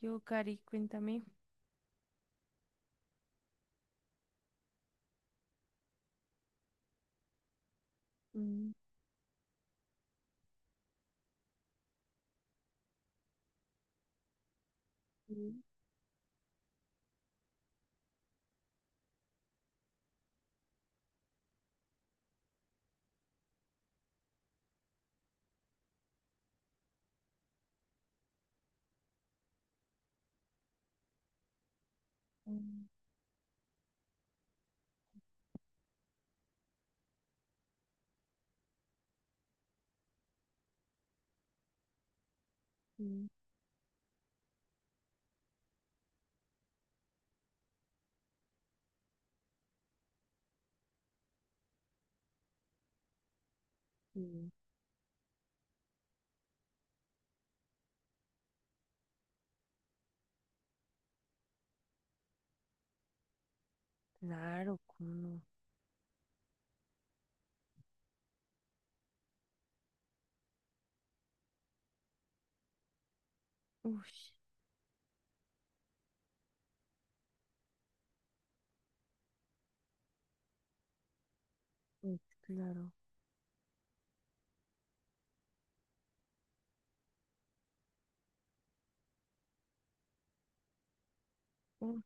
Yo, Cari, cuéntame. Mm, sí, mm, sí, sí. Claro, cómo no. Uy. Pues claro. Uf,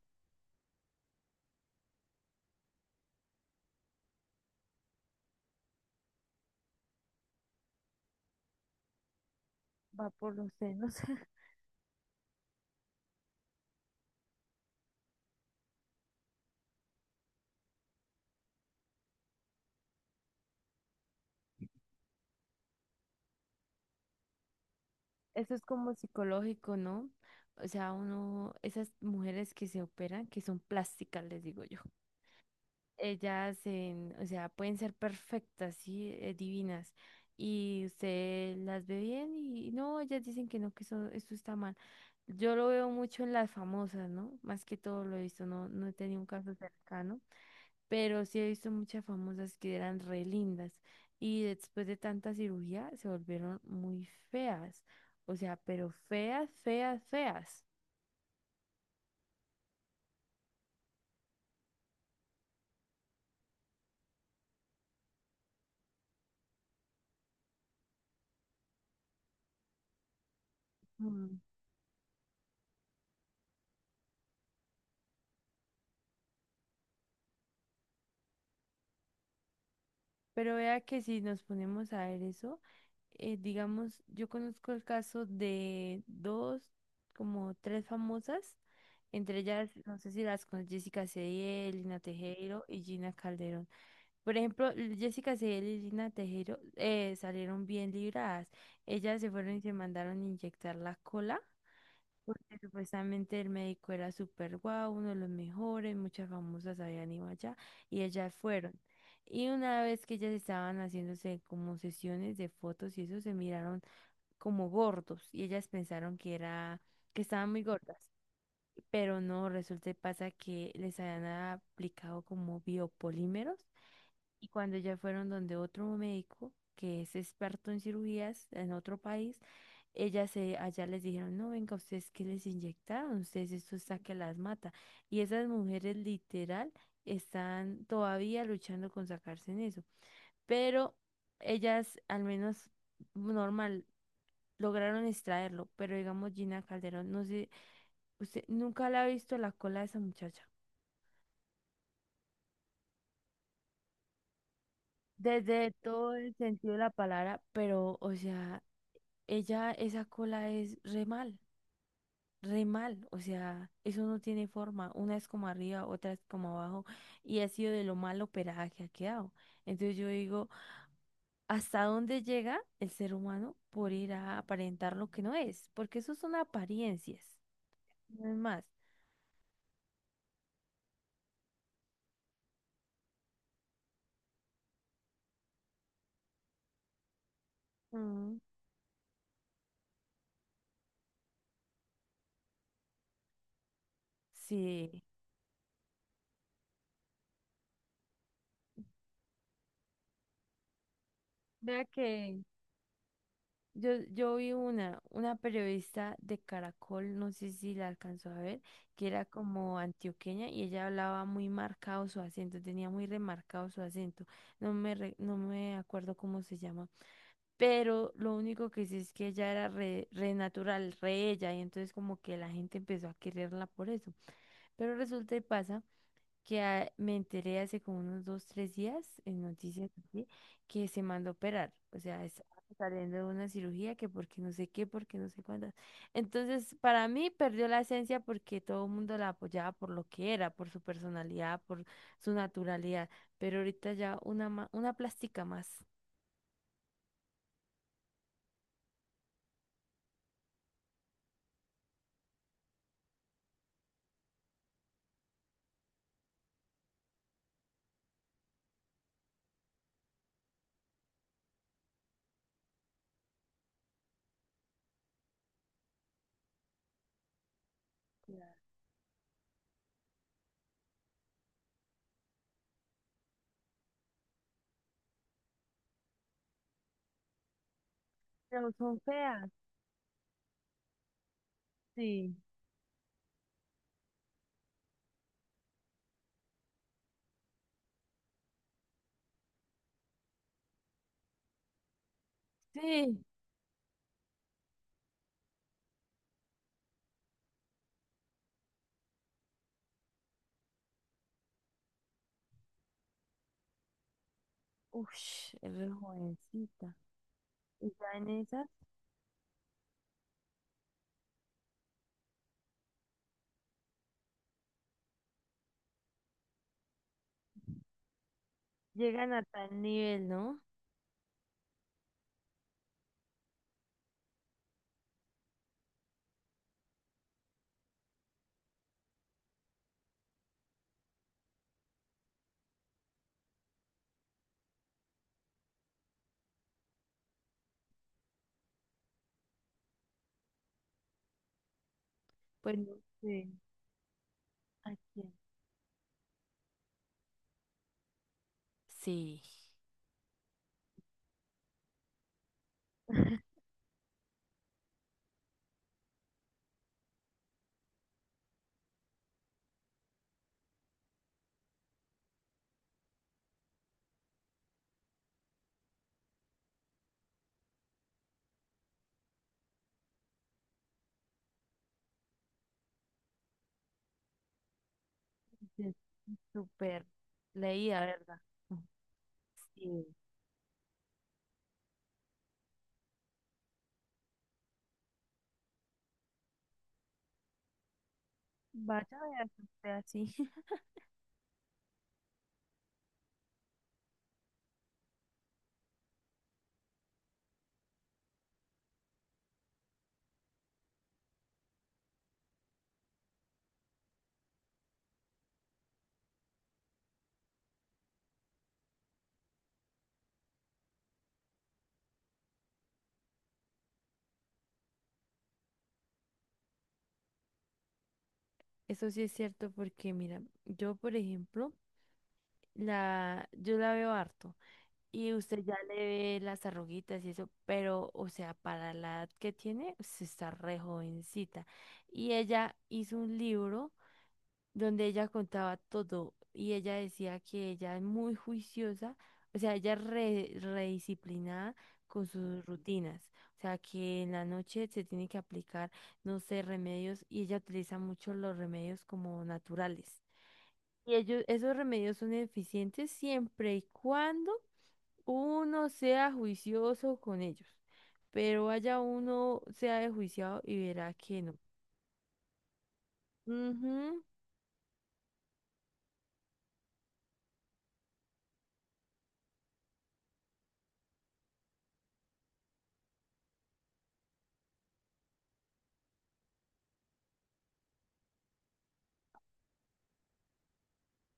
va por los senos. Eso es como psicológico, ¿no? O sea, uno, esas mujeres que se operan, que son plásticas, les digo yo. Ellas, o sea, pueden ser perfectas, sí, divinas. Y usted las ve bien y no, ellas dicen que no, que eso, esto está mal. Yo lo veo mucho en las famosas, ¿no? Más que todo lo he visto, no, no he tenido un caso cercano, pero sí he visto muchas famosas que eran re lindas y después de tanta cirugía se volvieron muy feas. O sea, pero feas, feas, feas. Pero vea que si nos ponemos a ver eso, digamos, yo conozco el caso de dos, como tres famosas, entre ellas, no sé si las con Jessica Cediel, Lina Tejero y Gina Calderón. Por ejemplo, Jessica Cediel y Lina Tejero salieron bien libradas. Ellas se fueron y se mandaron a inyectar la cola porque supuestamente el médico era súper guau, uno de los mejores, muchas famosas habían ido allá y ellas fueron. Y una vez que ellas estaban haciéndose como sesiones de fotos y eso, se miraron como gordos y ellas pensaron que era, que estaban muy gordas, pero no, resulta y pasa que les habían aplicado como biopolímeros y cuando ya fueron donde otro médico que es experto en cirugías en otro país, ellas se, allá les dijeron, no, venga, ustedes que les inyectaron, ustedes esto está que las mata. Y esas mujeres literal están todavía luchando con sacarse en eso. Pero ellas, al menos normal, lograron extraerlo. Pero digamos, Gina Calderón, no sé, usted nunca la ha visto la cola de esa muchacha. Desde todo el sentido de la palabra, pero, o sea, ella, esa cola es re mal, o sea, eso no tiene forma, una es como arriba, otra es como abajo, y ha sido de lo mal operada que ha quedado. Entonces yo digo, ¿hasta dónde llega el ser humano por ir a aparentar lo que no es? Porque eso son apariencias, no es más. Mm. Sí. Vea que, yo vi una periodista de Caracol, no sé si la alcanzó a ver, que era como antioqueña y ella hablaba muy marcado su acento, tenía muy remarcado su acento, no me, no me acuerdo cómo se llama, pero lo único que sí es que ella era re natural, re ella, y entonces como que la gente empezó a quererla por eso. Pero resulta y pasa que me enteré hace como unos dos, tres días en noticias así, que se mandó a operar. O sea, está saliendo de una cirugía que porque no sé qué, porque no sé cuántas. Entonces, para mí perdió la esencia porque todo el mundo la apoyaba por lo que era, por su personalidad, por su naturalidad. Pero ahorita ya una, una plástica más. Pero son feas, sí. Sí. Ush, es re jovencita. Y ya en esas llegan a tal nivel, ¿no? Pues no. Sí. Aquí. Sí. Sí, sí, súper leída, ¿verdad? Sí. Vaya, vea que usted así. Eso sí es cierto porque, mira, yo, por ejemplo, la, yo la veo harto y usted ya le ve las arruguitas y eso, pero, o sea, para la edad que tiene, se está re jovencita. Y ella hizo un libro. Donde ella contaba todo y ella decía que ella es muy juiciosa, o sea, ella es re, redisciplinada con sus rutinas, o sea, que en la noche se tiene que aplicar, no sé, remedios y ella utiliza mucho los remedios como naturales. Y ellos, esos remedios son eficientes siempre y cuando uno sea juicioso con ellos, pero vaya uno sea desjuiciado y verá que no. Ujú,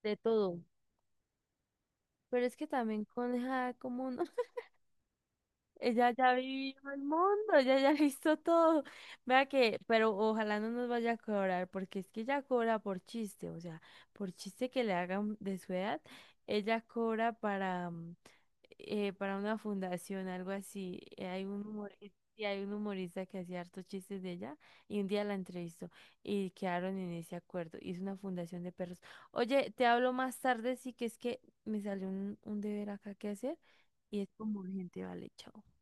de todo. Pero es que también con esa como no ella ya vivió el mundo, ella ya ha visto todo. Vea que, pero ojalá no nos vaya a cobrar, porque es que ella cobra por chiste, o sea, por chiste que le hagan de su edad, ella cobra para, para una fundación, algo así. Hay un humorista que hacía hartos chistes de ella y un día la entrevistó y quedaron en ese acuerdo. Hizo una fundación de perros. Oye, te hablo más tarde, sí que es que me salió un deber acá que hacer y es como urgente, vale, chao.